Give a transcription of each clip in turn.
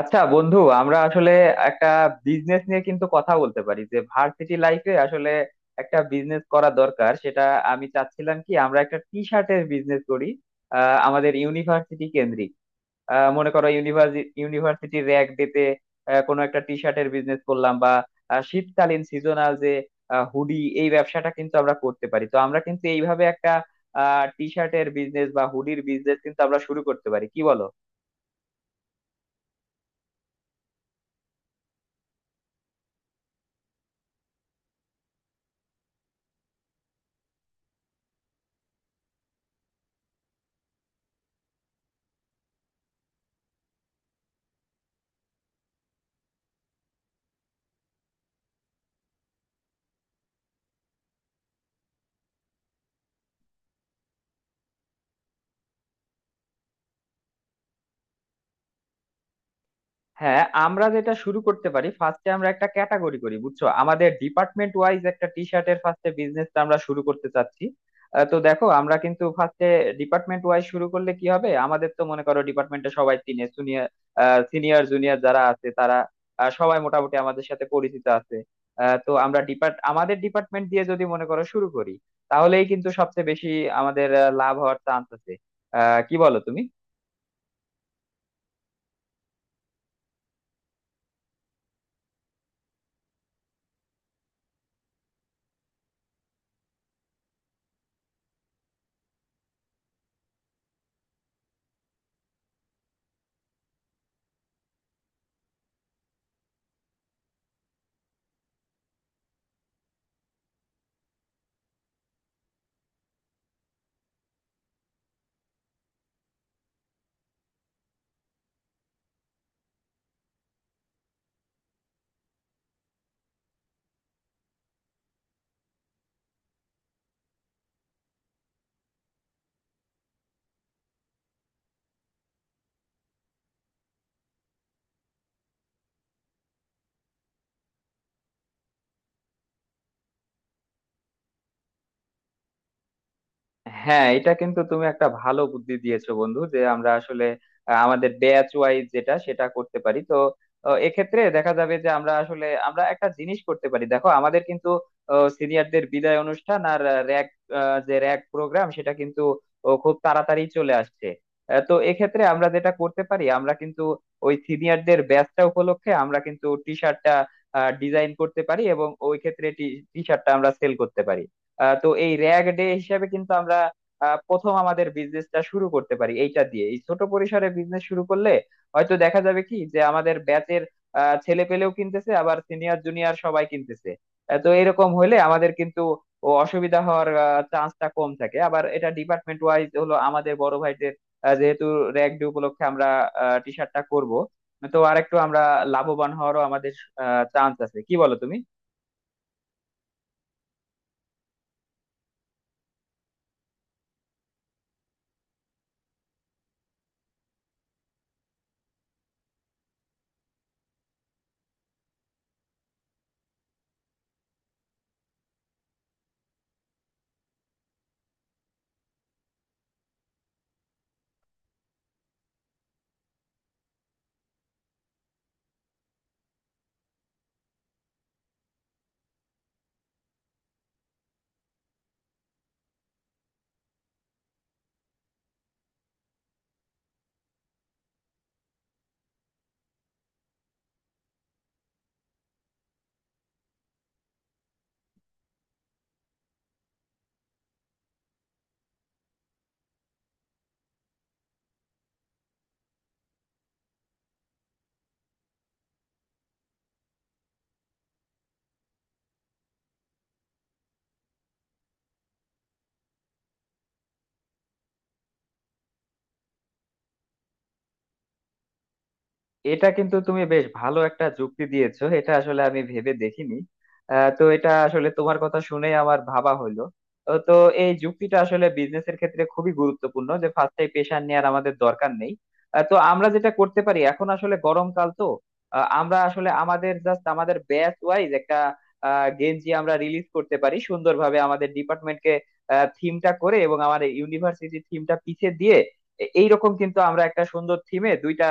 আচ্ছা বন্ধু আমরা আসলে একটা বিজনেস নিয়ে কিন্তু কথা বলতে পারি যে ভার্সিটি লাইফে আসলে একটা বিজনেস করা দরকার। সেটা আমি চাচ্ছিলাম কি আমরা একটা টি শার্টের বিজনেস করি, আমাদের ইউনিভার্সিটি কেন্দ্রিক। মনে করো ইউনিভার্সিটি ইউনিভার্সিটি র্যাগ ডেতে কোনো একটা টি শার্টের বিজনেস করলাম, বা শীতকালীন সিজনাল যে হুডি, এই ব্যবসাটা কিন্তু আমরা করতে পারি। তো আমরা কিন্তু এইভাবে একটা টি শার্টের বিজনেস বা হুডির বিজনেস কিন্তু আমরা শুরু করতে পারি, কি বলো? হ্যাঁ, আমরা যেটা শুরু করতে পারি, ফার্স্টে আমরা একটা ক্যাটাগরি করি, বুঝছো, আমাদের ডিপার্টমেন্ট ওয়াইজ একটা টি শার্টের ফার্স্টে বিজনেসটা আমরা শুরু করতে চাচ্ছি। তো দেখো আমরা কিন্তু ফার্স্টে ডিপার্টমেন্ট ওয়াইজ শুরু করলে কি হবে, আমাদের তো মনে করো ডিপার্টমেন্টে সবাই চিনে। সিনিয়র সিনিয়র জুনিয়র যারা আছে তারা সবাই মোটামুটি আমাদের সাথে পরিচিত আছে। তো আমরা আমাদের ডিপার্টমেন্ট দিয়ে যদি মনে করো শুরু করি, তাহলেই কিন্তু সবচেয়ে বেশি আমাদের লাভ হওয়ার চান্স আছে। কি বলো তুমি? হ্যাঁ, এটা কিন্তু তুমি একটা ভালো বুদ্ধি দিয়েছো বন্ধু, যে আমরা আসলে আমাদের ব্যাচ ওয়াইজ যেটা সেটা করতে পারি। তো এক্ষেত্রে দেখা যাবে যে আমরা আসলে আমরা একটা জিনিস করতে পারি। দেখো আমাদের কিন্তু সিনিয়রদের বিদায় অনুষ্ঠান আর র‍্যাগ, যে র‍্যাগ প্রোগ্রাম সেটা কিন্তু খুব তাড়াতাড়ি চলে আসছে। তো এক্ষেত্রে আমরা যেটা করতে পারি, আমরা কিন্তু ওই সিনিয়রদের ব্যাচটা উপলক্ষে আমরা কিন্তু টি শার্টটা ডিজাইন করতে পারি এবং ওই ক্ষেত্রে টি শার্টটা আমরা সেল করতে পারি। তো এই র্যাগ ডে হিসাবে কিন্তু আমরা প্রথম আমাদের বিজনেসটা শুরু করতে পারি এইটা দিয়ে। এই ছোট পরিসরে বিজনেস শুরু করলে হয়তো দেখা যাবে কি, যে আমাদের ব্যাচের ছেলে পেলেও কিনতেছে, আবার সিনিয়র জুনিয়র সবাই কিনতেছে। তো এরকম হলে আমাদের কিন্তু অসুবিধা হওয়ার চান্সটা কম থাকে। আবার এটা ডিপার্টমেন্ট ওয়াইজ হলো আমাদের বড় ভাইদের যেহেতু র্যাগ ডে উপলক্ষে আমরা টি শার্টটা করব, তো আরেকটু আমরা লাভবান হওয়ারও আমাদের চান্স আছে। কি বলো তুমি? এটা কিন্তু তুমি বেশ ভালো একটা যুক্তি দিয়েছো, এটা আসলে আমি ভেবে দেখিনি। তো এটা আসলে তোমার কথা শুনে আমার ভাবা হলো। তো এই যুক্তিটা আসলে বিজনেসের ক্ষেত্রে খুবই গুরুত্বপূর্ণ, যে ফার্স্টে পেশা নেওয়ার আমাদের দরকার নেই। তো আমরা যেটা করতে পারি, এখন আসলে গরমকাল তো আমরা আসলে আমাদের জাস্ট আমাদের ব্যাচ ওয়াইজ একটা গেঞ্জি আমরা রিলিজ করতে পারি সুন্দরভাবে। আমাদের ডিপার্টমেন্টকে থিমটা করে এবং আমাদের ইউনিভার্সিটি থিমটা পিছে দিয়ে, এইরকম কিন্তু আমরা একটা সুন্দর থিমে দুইটা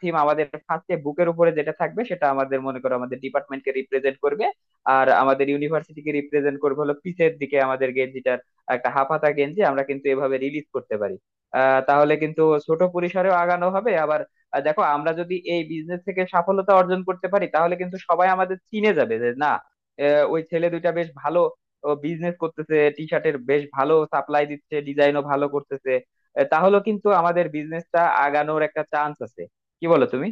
থিম, আমাদের ফার্স্টে বুকের উপরে যেটা থাকবে সেটা আমাদের মনে করো আমাদের ডিপার্টমেন্টকে রিপ্রেজেন্ট করবে, আর আমাদের ইউনিভার্সিটিকে রিপ্রেজেন্ট করবে হলো পিছের দিকে আমাদের গেঞ্জিটার। একটা হাফ হাতা গেঞ্জি আমরা কিন্তু এভাবে রিলিজ করতে পারি। তাহলে কিন্তু ছোট পরিসরেও আগানো হবে। আবার দেখো আমরা যদি এই বিজনেস থেকে সফলতা অর্জন করতে পারি তাহলে কিন্তু সবাই আমাদের চিনে যাবে যে, না ওই ছেলে দুইটা বেশ ভালো বিজনেস করতেছে, টি শার্টের বেশ ভালো সাপ্লাই দিচ্ছে, ডিজাইনও ভালো করতেছে। তাহলেও কিন্তু আমাদের বিজনেসটা আগানোর একটা চান্স আছে। কি বলো তুমি?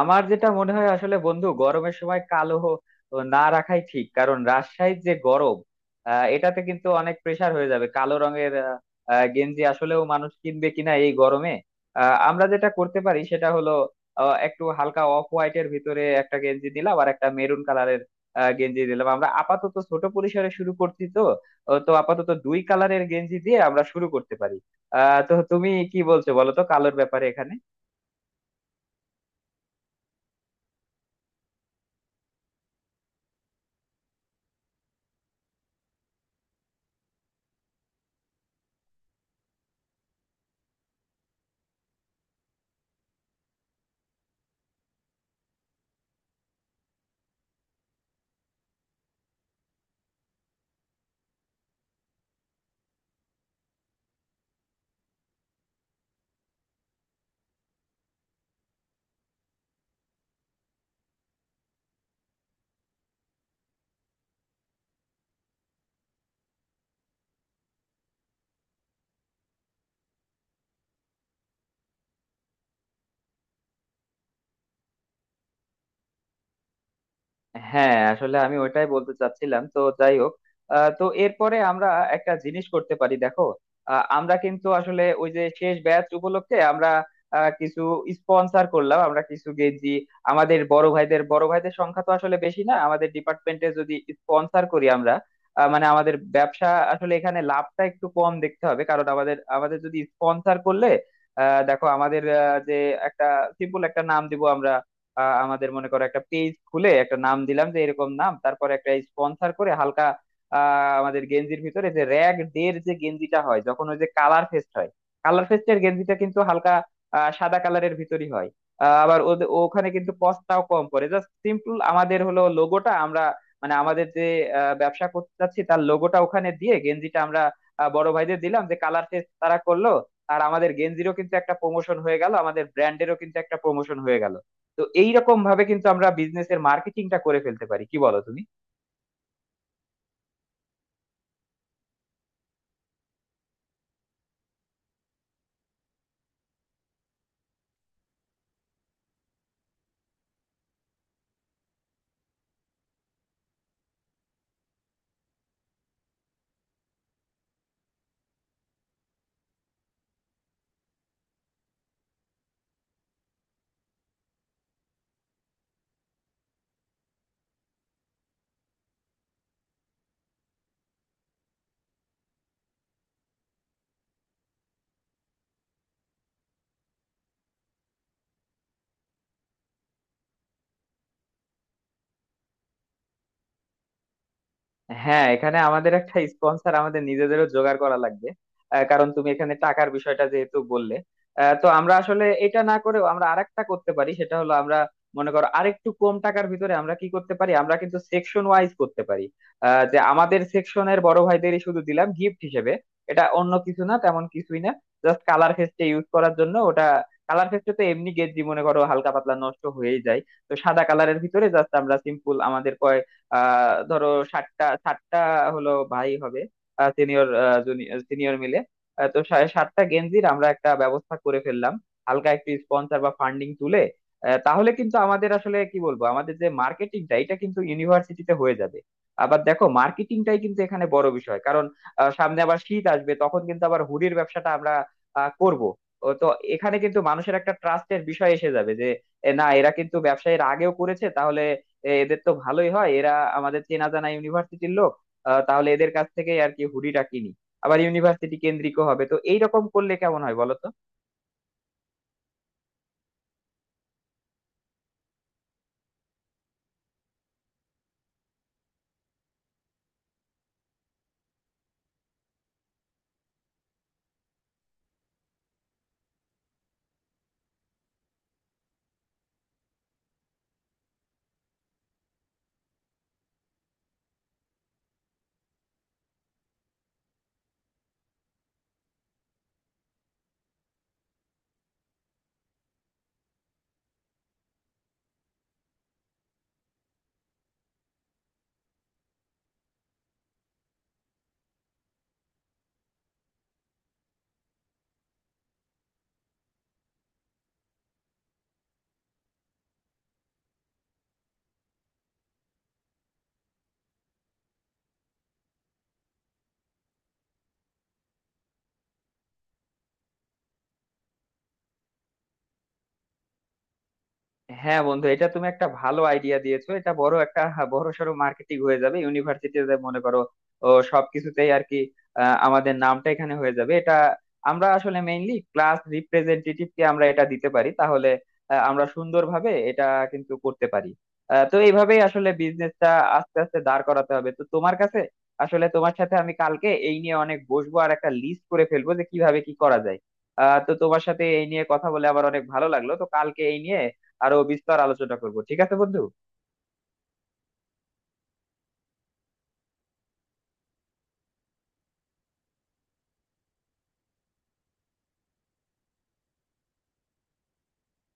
আমার যেটা মনে হয় আসলে বন্ধু, গরমের সময় কালো না রাখাই ঠিক, কারণ রাজশাহীর যে গরম এটাতে কিন্তু অনেক প্রেসার হয়ে যাবে। কালো রঙের আহ, আহ, গেঞ্জি আসলেও মানুষ কিনবে কিনা এই গরমে। আমরা যেটা করতে পারি সেটা হলো একটু হালকা অফ হোয়াইটের ভিতরে একটা গেঞ্জি দিলাম আর একটা মেরুন কালারের গেঞ্জি দিলাম। আমরা আপাতত ছোট পরিসরে শুরু করছি তো তো আপাতত দুই কালারের গেঞ্জি দিয়ে আমরা শুরু করতে পারি। তো তুমি কি বলছো বলো তো কালোর ব্যাপারে এখানে? হ্যাঁ, আসলে আমি ওইটাই বলতে চাচ্ছিলাম। তো যাই হোক, তো এরপরে আমরা একটা জিনিস করতে পারি। দেখো, আমরা কিন্তু আসলে ওই যে শেষ ব্যাচ উপলক্ষে আমরা কিছু স্পন্সর করলাম আমরা, কিছু গেঞ্জি আমাদের বড় ভাইদের। বড় ভাইদের সংখ্যা তো আসলে বেশি না আমাদের ডিপার্টমেন্টে, যদি স্পন্সর করি আমরা মানে আমাদের ব্যবসা আসলে এখানে লাভটা একটু কম দেখতে হবে। কারণ আমাদের আমাদের যদি স্পন্সর করলে দেখো আমাদের যে একটা সিম্পল একটা নাম দিব আমরা। আমাদের মনে করো একটা পেজ খুলে একটা নাম দিলাম যে এরকম নাম, তারপর একটা স্পন্সর করে হালকা আমাদের গেঞ্জির ভিতরে, যে র্যাগ ডের যে গেঞ্জিটা হয় যখন ওই যে কালার ফেস্ট হয়, কালার ফেস্টের গেঞ্জিটা কিন্তু হালকা সাদা কালারের ভিতরই হয়। আবার ওখানে কিন্তু কস্টটাও কম পড়ে। জাস্ট সিম্পল আমাদের হলো লোগোটা আমরা, মানে আমাদের যে ব্যবসা করতে চাচ্ছি তার লোগোটা ওখানে দিয়ে গেঞ্জিটা আমরা বড় ভাইদের দিলাম, যে কালার ফেস্ট তারা করলো আর আমাদের গেঞ্জিরও কিন্তু একটা প্রমোশন হয়ে গেল, আমাদের ব্র্যান্ডেরও কিন্তু একটা প্রমোশন হয়ে গেল। তো এইরকম ভাবে কিন্তু আমরা বিজনেসের মার্কেটিংটা করে ফেলতে পারি, কি বলো তুমি? হ্যাঁ, এখানে আমাদের একটা স্পন্সর আমাদের নিজেদেরও জোগাড় করা লাগবে কারণ তুমি এখানে টাকার বিষয়টা যেহেতু বললে। তো আমরা আসলে এটা না করেও আমরা আরেকটা করতে পারি, সেটা হলো আমরা মনে করো আরেকটু কম টাকার ভিতরে আমরা কি করতে পারি, আমরা কিন্তু সেকশন ওয়াইজ করতে পারি। যে আমাদের সেকশনের বড় ভাইদেরই শুধু দিলাম গিফট হিসেবে, এটা অন্য কিছু না, তেমন কিছুই না, জাস্ট কালার ফেস্টে ইউজ করার জন্য ওটা। কালার ফেস্টে তো এমনি গেঞ্জি মনে করো হালকা পাতলা নষ্ট হয়েই যায়। তো সাদা কালারের ভিতরে জাস্ট আমরা সিম্পল আমাদের ধরো ষাটটা ষাটটা হলো ভাই হবে, সিনিয়র সিনিয়র মিলে। তো 60টা গেঞ্জির আমরা একটা ব্যবস্থা করে ফেললাম, হালকা একটু স্পন্সর বা ফান্ডিং তুলে। তাহলে কিন্তু আমাদের আসলে কি বলবো, আমাদের যে মার্কেটিংটা এটা কিন্তু ইউনিভার্সিটিতে হয়ে যাবে। আবার দেখো মার্কেটিংটাই কিন্তু এখানে বড় বিষয়, কারণ সামনে আবার শীত আসবে, তখন কিন্তু আবার হুডির ব্যবসাটা আমরা করব। তো এখানে কিন্তু মানুষের একটা ট্রাস্টের বিষয় এসে যাবে, যে না এরা কিন্তু ব্যবসায়ীর আগেও করেছে, তাহলে এদের তো ভালোই হয়, এরা আমাদের চেনা জানা ইউনিভার্সিটির লোক। তাহলে এদের কাছ থেকে আর কি হুডিটা কিনি, আবার ইউনিভার্সিটি কেন্দ্রিক হবে। তো এইরকম করলে কেমন হয় বলো তো? হ্যাঁ বন্ধু, এটা তুমি একটা ভালো আইডিয়া দিয়েছো। এটা বড় একটা, হ্যাঁ, বড় সড়ো মার্কেটিং হয়ে যাবে ইউনিভার্সিটিতে। মনে করো সবকিছুতেই আর কি আমাদের নামটা এখানে হয়ে যাবে। এটা আমরা আসলে মেইনলি ক্লাস রিপ্রেজেন্টেটিভ কে আমরা এটা দিতে পারি, তাহলে আমরা সুন্দরভাবে এটা কিন্তু করতে পারি। তো এইভাবেই আসলে বিজনেসটা আস্তে আস্তে দাঁড় করাতে হবে। তো তোমার কাছে আসলে, তোমার সাথে আমি কালকে এই নিয়ে অনেক বসবো আর একটা লিস্ট করে ফেলবো যে কিভাবে কি করা যায়। তো তোমার সাথে এই নিয়ে কথা বলে আবার অনেক ভালো লাগলো। তো কালকে এই নিয়ে আরো বিস্তার আলোচনা করব, ঠিক আছে বন্ধু।